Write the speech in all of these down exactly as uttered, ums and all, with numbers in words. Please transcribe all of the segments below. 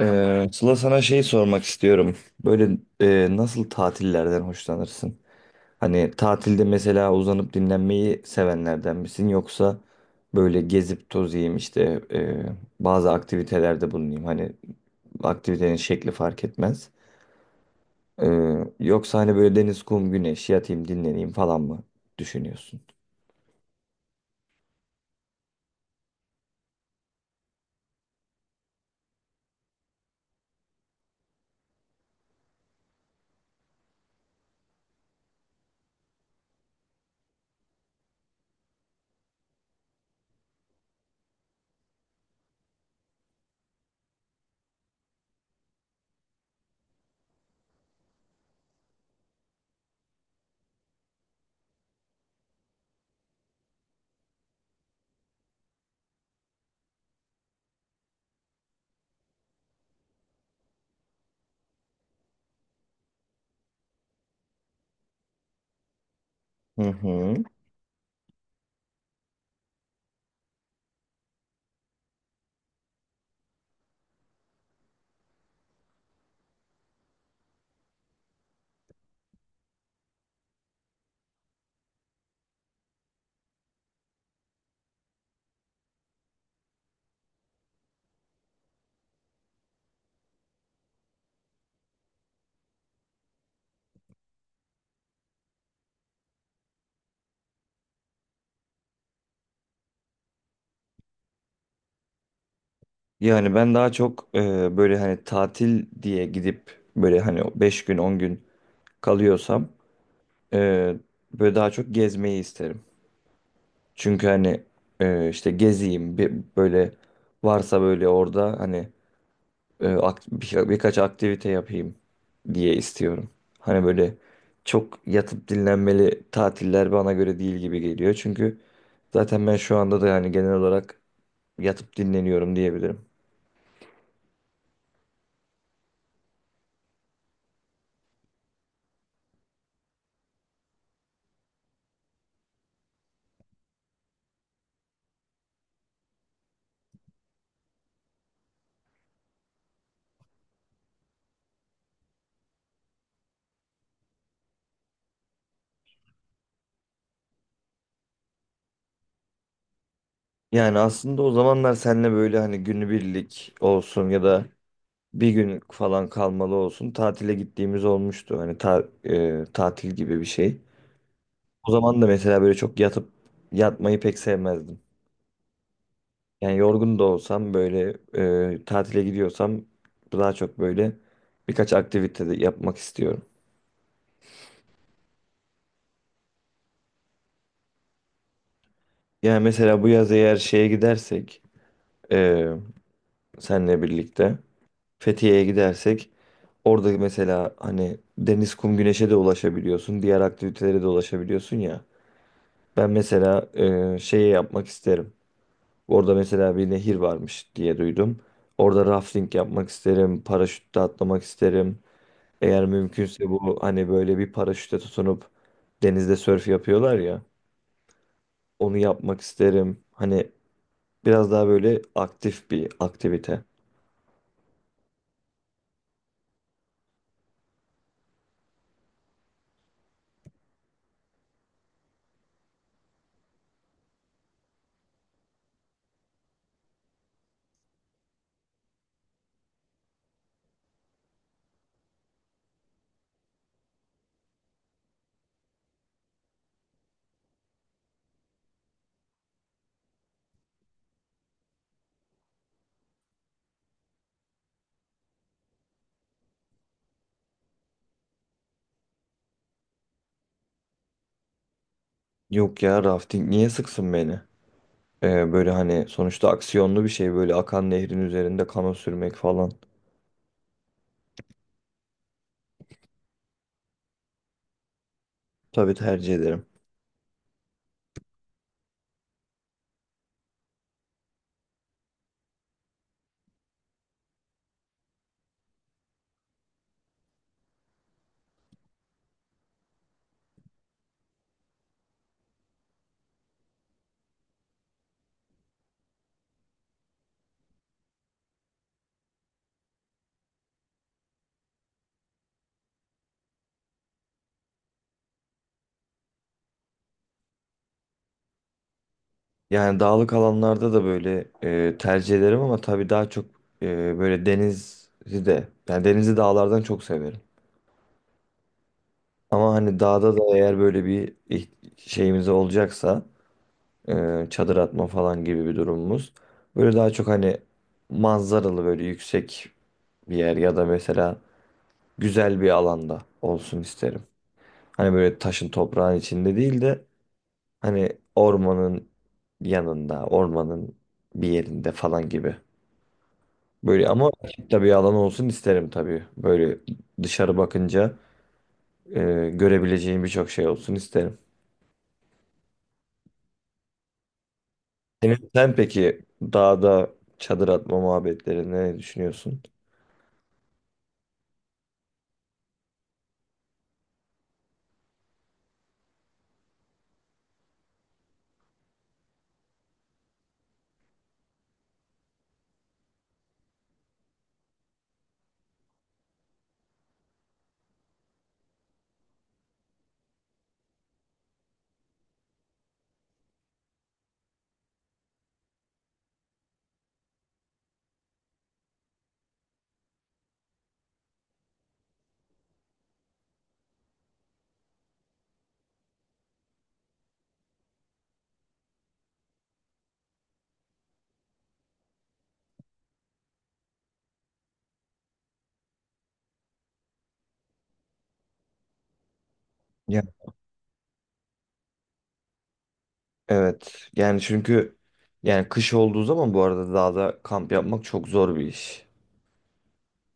Ee, Sıla sana şey sormak istiyorum. Böyle e, nasıl tatillerden hoşlanırsın? Hani tatilde mesela uzanıp dinlenmeyi sevenlerden misin? Yoksa böyle gezip tozayım işte e, bazı aktivitelerde bulunayım. Hani aktivitenin şekli fark etmez. Ee, yoksa hani böyle deniz, kum, güneş yatayım dinleneyim falan mı düşünüyorsun? Hı hı. Yani ben daha çok e, böyle hani tatil diye gidip böyle hani beş gün on gün kalıyorsam Ee, böyle daha çok gezmeyi isterim. Çünkü hani e, işte gezeyim bir, böyle varsa böyle orada hani e, ak- bir- birkaç aktivite yapayım diye istiyorum. Hani böyle çok yatıp dinlenmeli tatiller bana göre değil gibi geliyor. Çünkü zaten ben şu anda da yani genel olarak yatıp dinleniyorum diyebilirim. Yani aslında o zamanlar seninle böyle hani günübirlik olsun ya da bir gün falan kalmalı olsun. Tatile gittiğimiz olmuştu. Hani ta- e, tatil gibi bir şey. O zaman da mesela böyle çok yatıp yatmayı pek sevmezdim. Yani yorgun da olsam böyle e, tatile gidiyorsam daha çok böyle birkaç aktivite de yapmak istiyorum. Yani mesela bu yaz eğer şeye gidersek e, senle birlikte Fethiye'ye gidersek orada mesela hani deniz, kum, güneşe de ulaşabiliyorsun. Diğer aktivitelere de ulaşabiliyorsun ya. Ben mesela e, şeyi yapmak isterim. Orada mesela bir nehir varmış diye duydum. Orada rafting yapmak isterim, paraşütle atlamak isterim. Eğer mümkünse bu hani böyle bir paraşüte tutunup denizde sörf yapıyorlar ya, onu yapmak isterim. Hani biraz daha böyle aktif bir aktivite. Yok ya rafting niye sıksın beni? E, böyle hani sonuçta aksiyonlu bir şey böyle akan nehrin üzerinde kano sürmek falan. Tabii tercih ederim. Yani dağlık alanlarda da böyle e, tercih ederim ama tabii daha çok e, böyle denizi de yani denizi dağlardan çok severim. Ama hani dağda da eğer böyle bir iht- şeyimiz olacaksa e, çadır atma falan gibi bir durumumuz böyle daha çok hani manzaralı böyle yüksek bir yer ya da mesela güzel bir alanda olsun isterim. Hani böyle taşın toprağın içinde değil de hani ormanın yanında, ormanın bir yerinde falan gibi. Böyle ama tabii bir alan olsun isterim tabii. Böyle dışarı bakınca e, görebileceğim birçok şey olsun isterim. Senin, sen peki dağda çadır atma muhabbetleri ne düşünüyorsun? Ya. Evet. Yani çünkü yani kış olduğu zaman bu arada dağda kamp yapmak çok zor bir iş.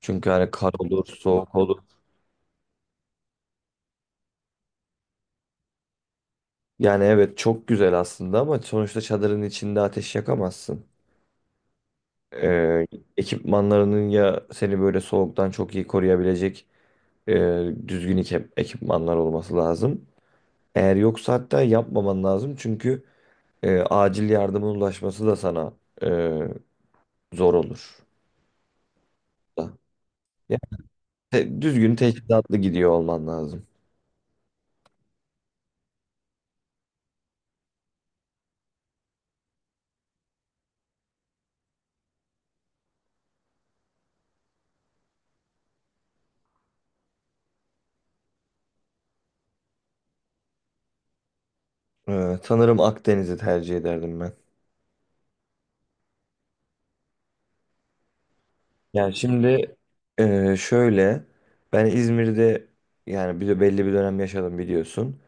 Çünkü hani kar olur, soğuk olur. Yani evet çok güzel aslında ama sonuçta çadırın içinde ateş yakamazsın. E, ekipmanlarının ya seni böyle soğuktan çok iyi koruyabilecek e, düzgün ekip, ekipmanlar olması lazım. Eğer yoksa hatta yapmaman lazım çünkü e, acil yardımın ulaşması da sana e, zor olur. Da. Yani te- düzgün teçhizatlı gidiyor olman lazım. E, sanırım Akdeniz'i tercih ederdim ben. Yani şimdi e, şöyle ben İzmir'de yani bir de belli bir dönem yaşadım biliyorsun.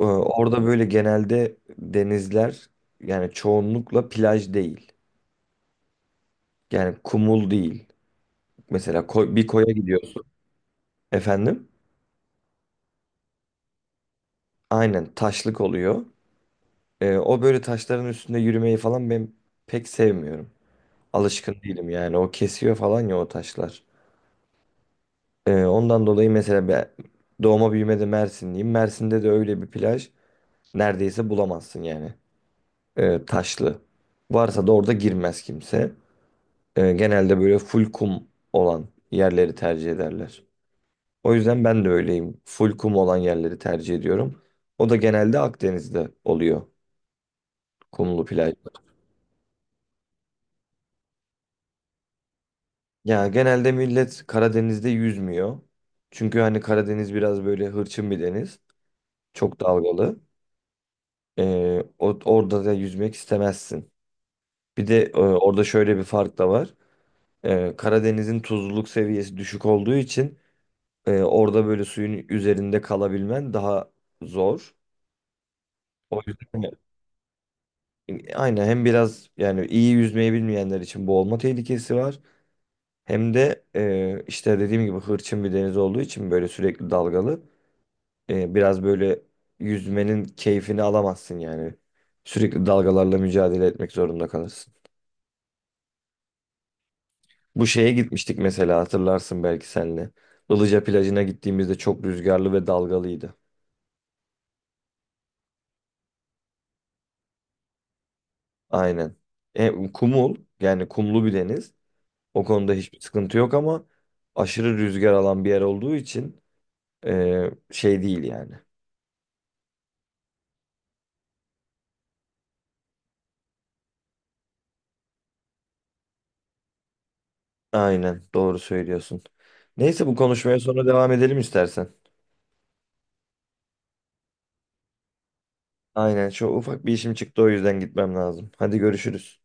E, orada böyle genelde denizler yani çoğunlukla plaj değil. Yani kumul değil. Mesela koy- bir koya gidiyorsun efendim. Aynen taşlık oluyor. Ee, o böyle taşların üstünde yürümeyi falan ben pek sevmiyorum. Alışkın değilim yani. O kesiyor falan ya o taşlar. Ee, ondan dolayı mesela ben doğma büyümede Mersinliyim. Mersin'de de öyle bir plaj neredeyse bulamazsın yani. Ee, taşlı. Varsa da orada girmez kimse. Ee, genelde böyle full kum olan yerleri tercih ederler. O yüzden ben de öyleyim. Full kum olan yerleri tercih ediyorum. O da genelde Akdeniz'de oluyor kumlu plajlar. Ya genelde millet Karadeniz'de yüzmüyor. Çünkü hani Karadeniz biraz böyle hırçın bir deniz. Çok dalgalı. Ee, o- orada da yüzmek istemezsin. Bir de e, orada şöyle bir fark da var. Ee, Karadeniz'in tuzluluk seviyesi düşük olduğu için e, orada böyle suyun üzerinde kalabilmen daha zor. O yüzden Aynen hem biraz yani iyi yüzmeyi bilmeyenler için boğulma tehlikesi var. Hem de e, işte dediğim gibi hırçın bir deniz olduğu için böyle sürekli dalgalı. E, biraz böyle yüzmenin keyfini alamazsın yani. Sürekli dalgalarla mücadele etmek zorunda kalırsın. Bu şeye gitmiştik mesela hatırlarsın belki senle. Ilıca plajına gittiğimizde çok rüzgarlı ve dalgalıydı. Aynen. E, kumul yani kumlu bir deniz. O konuda hiçbir sıkıntı yok ama aşırı rüzgar alan bir yer olduğu için Ee, şey değil yani. Aynen doğru söylüyorsun. Neyse bu konuşmaya sonra devam edelim istersen. Aynen şu ufak bir işim çıktı o yüzden gitmem lazım. Hadi görüşürüz.